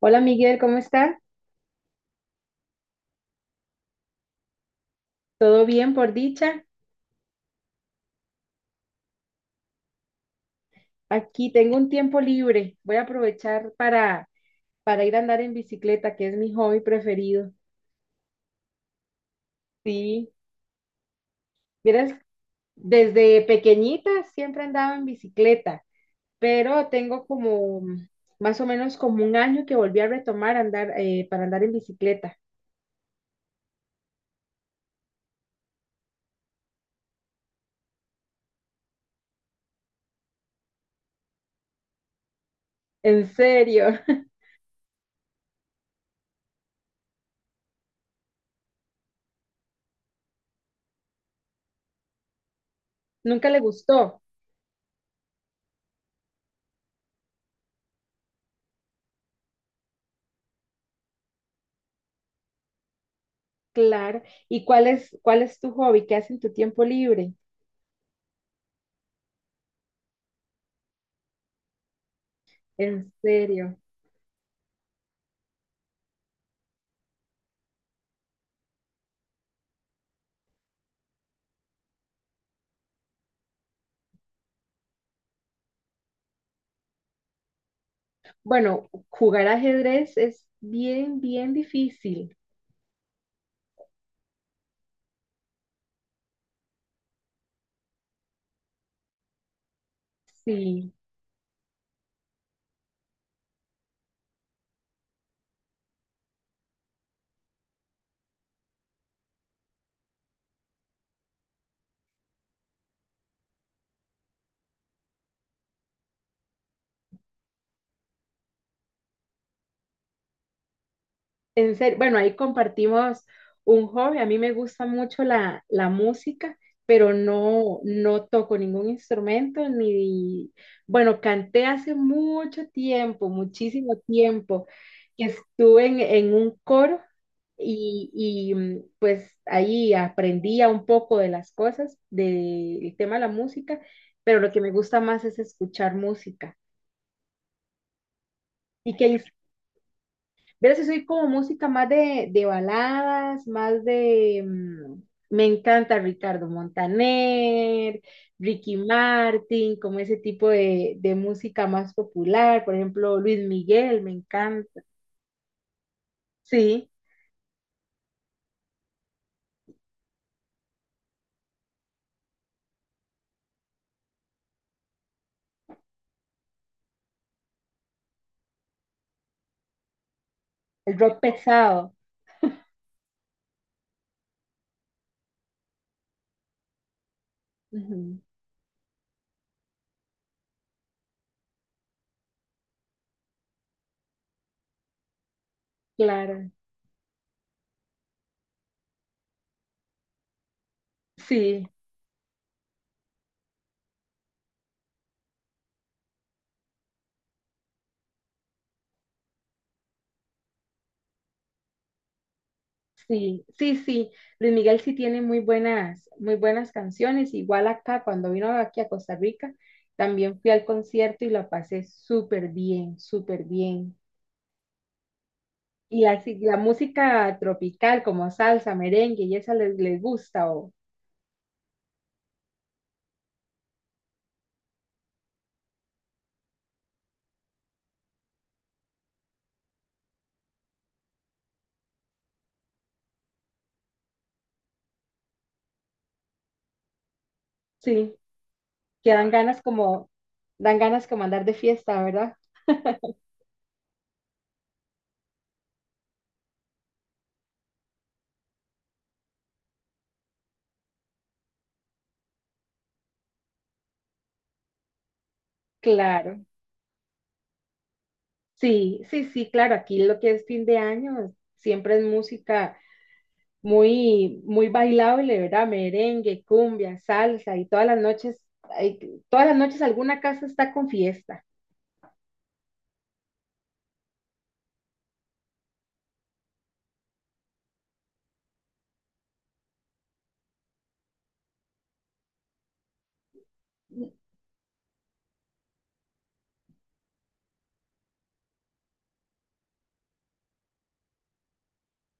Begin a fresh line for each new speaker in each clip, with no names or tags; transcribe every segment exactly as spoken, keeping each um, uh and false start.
Hola Miguel, ¿cómo está? ¿Todo bien por dicha? Aquí tengo un tiempo libre. Voy a aprovechar para, para ir a andar en bicicleta, que es mi hobby preferido. Sí, vieras, desde pequeñita siempre andaba en bicicleta, pero tengo como mm, más o menos como un año que volví a retomar andar eh, para andar en bicicleta. ¿En serio? Nunca le gustó. Claro. ¿Y cuál es, cuál es tu hobby? ¿Qué haces en tu tiempo libre? ¿En serio? Bueno, jugar ajedrez es bien, bien difícil. Sí, en serio, bueno, ahí compartimos un hobby. A mí me gusta mucho la, la música, pero no, no toco ningún instrumento ni, bueno, canté hace mucho tiempo, muchísimo tiempo, que estuve en, en un coro y, y mm, pues ahí aprendía un poco de las cosas, del tema de la música, pero lo que me gusta más es escuchar música. ¿Y qué? Verás que soy como música más de, de baladas, más de... mm, Me encanta Ricardo Montaner, Ricky Martin, como ese tipo de, de música más popular. Por ejemplo, Luis Miguel, me encanta. Sí, el rock pesado. Ujú, claro. Sí, sí, sí, sí. Luis Miguel sí tiene muy buenas, muy buenas canciones. Igual acá, cuando vino aquí a Costa Rica, también fui al concierto y la pasé súper bien, súper bien. Y así, la música tropical como salsa, merengue y esa les, les gusta o sí, que dan ganas como, dan ganas como andar de fiesta, ¿verdad? Claro, sí, sí, sí, claro, aquí lo que es fin de año siempre es música muy, muy bailable, ¿verdad? Merengue, cumbia, salsa y todas las noches, hay- todas las noches alguna casa está con fiesta.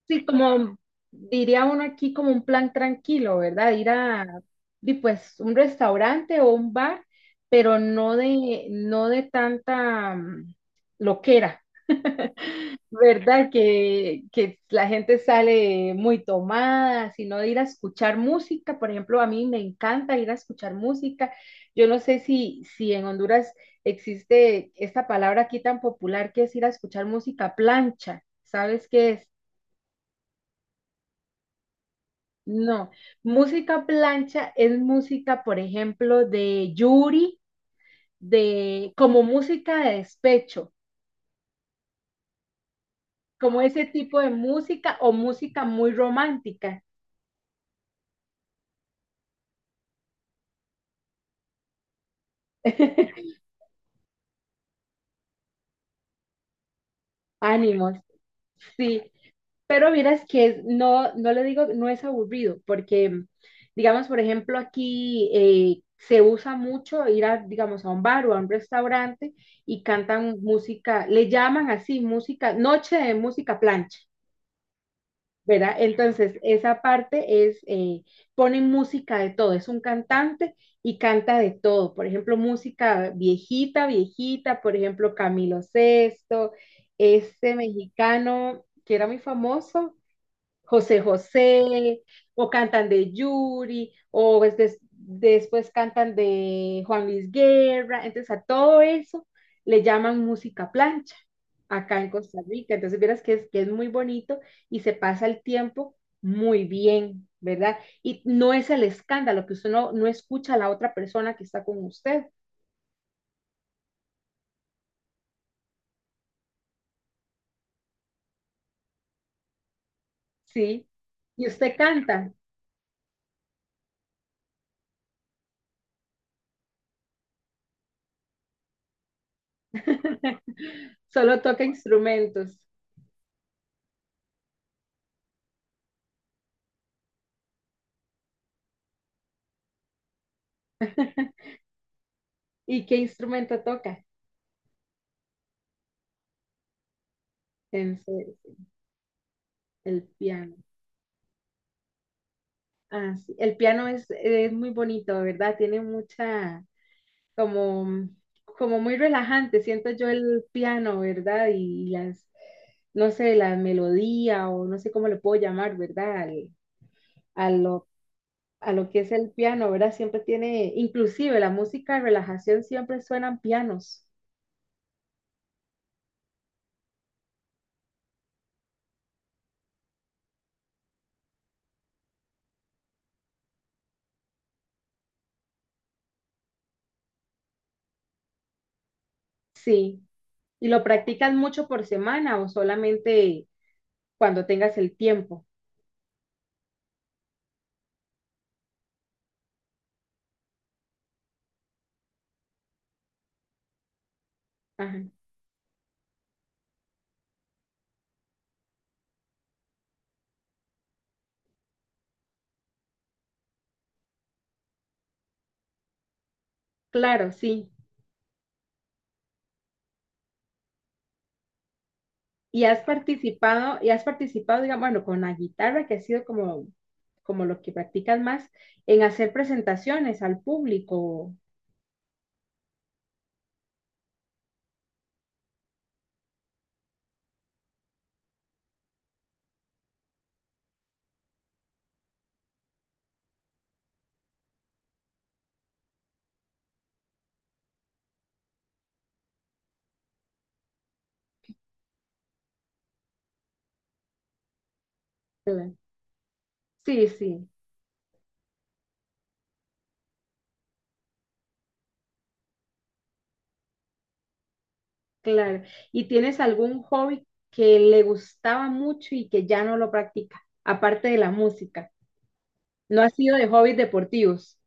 Sí, como diría uno aquí, como un plan tranquilo, ¿verdad? Ir a, di, pues, un restaurante o un bar, pero no de, no de tanta mm, loquera, ¿verdad? Que, que la gente sale muy tomada, sino de ir a escuchar música. Por ejemplo, a mí me encanta ir a escuchar música. Yo no sé si, si en Honduras existe esta palabra aquí tan popular que es ir a escuchar música plancha. ¿Sabes qué es? No, música plancha es música, por ejemplo, de Yuri, de como música de despecho, como ese tipo de música o música muy romántica. Ánimos, sí. Pero miras que es- no, no le digo, no es aburrido, porque, digamos, por ejemplo, aquí eh, se usa mucho ir a, digamos, a un bar o a un restaurante y cantan música, le llaman así música, noche de música plancha. ¿Verdad? Entonces, esa parte es, eh, ponen música de todo, es un cantante y canta de todo, por ejemplo, música viejita, viejita, por ejemplo, Camilo Sesto, este mexicano que era muy famoso, José José, o cantan de Yuri, o pues des- después cantan de Juan Luis Guerra, entonces a todo eso le llaman música plancha acá en Costa Rica, entonces vieras que es, que es muy bonito y se pasa el tiempo muy bien, ¿verdad? Y no es el escándalo, que usted no, no escucha a la otra persona que está con usted. ¿Sí? Y usted canta, solo toca instrumentos. ¿Y qué instrumento toca? ¿En serio? El piano. Ah, sí. El piano es, es muy bonito, ¿verdad? Tiene mucha, como, como muy relajante, siento yo el piano, ¿verdad? Y, y las, no sé, la melodía o no sé cómo le puedo llamar, ¿verdad? Al- a lo, a lo que es el piano, ¿verdad? Siempre tiene, inclusive la música de relajación siempre suenan pianos. Sí. ¿Y lo practicas mucho por semana o solamente cuando tengas el tiempo? Ajá. Claro, sí. Y has participado, y has participado, digamos, bueno, con la guitarra, que ha sido como, como lo que practicas más, en hacer presentaciones al público. Eh, Sí, sí, claro. ¿Y tienes algún hobby que le gustaba mucho y que ya no lo practica, aparte de la música? No ha sido de hobbies deportivos.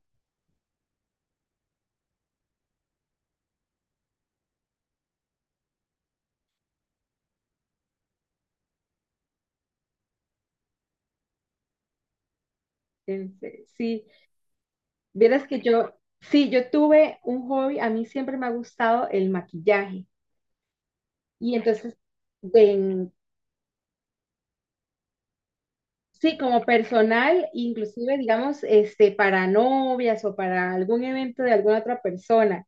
Este, sí, vieras que yo, sí, yo tuve un hobby, a mí siempre me ha gustado el maquillaje. Y entonces, de- sí, como personal, inclusive, digamos, este, para novias o para algún evento de alguna otra persona.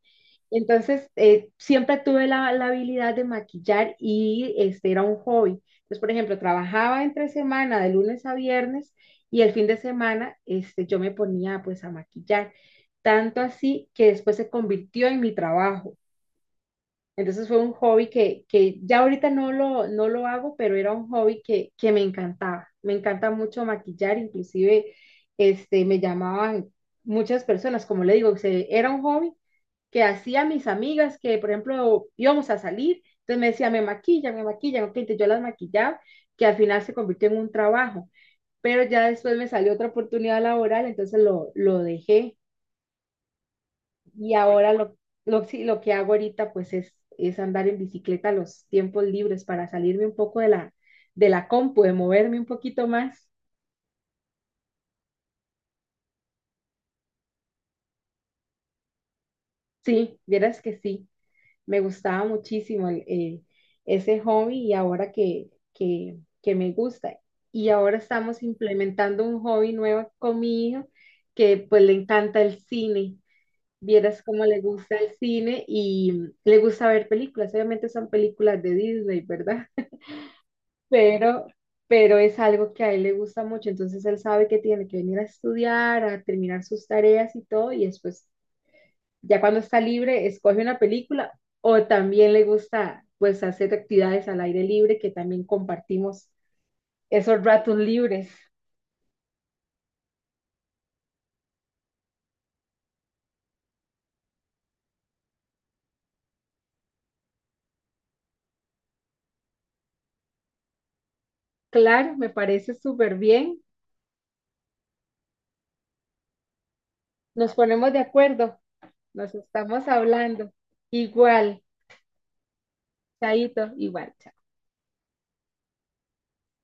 Entonces, eh, siempre tuve la, la habilidad de maquillar y este era un hobby. Entonces, por ejemplo, trabajaba entre semana de lunes a viernes y el fin de semana este, yo me ponía pues a maquillar. Tanto así que después se convirtió en mi trabajo. Entonces fue un hobby que, que ya ahorita no lo, no lo hago, pero era un hobby que, que me encantaba. Me encanta mucho maquillar, inclusive este, me llamaban muchas personas, como le digo, o sea, era un hobby que hacía mis amigas que, por ejemplo, íbamos a salir, entonces me decía, me maquillan, me maquillan, ok, entonces yo las maquillaba, que al final se convirtió en un trabajo, pero ya después me salió otra oportunidad laboral, entonces lo, lo dejé y ahora lo, lo, sí, lo que hago ahorita pues es, es andar en bicicleta los tiempos libres para salirme un poco de la, de la compu, de moverme un poquito más. Sí, vieras que sí, me gustaba muchísimo el- eh, ese hobby y ahora que, que, que me gusta. Y ahora estamos implementando un hobby nuevo con mi hijo que pues le encanta el cine. Vieras cómo le gusta el cine y le gusta ver películas. Obviamente son películas de Disney, ¿verdad? pero, pero es algo que a él le gusta mucho, entonces él sabe que tiene que venir a estudiar, a terminar sus tareas y todo, y después, ya cuando está libre, escoge una película o también le gusta pues hacer actividades al aire libre que también compartimos esos ratos libres. Claro, me parece súper bien. Nos ponemos de acuerdo, nos estamos hablando. Igual, chaito, igual. Chao.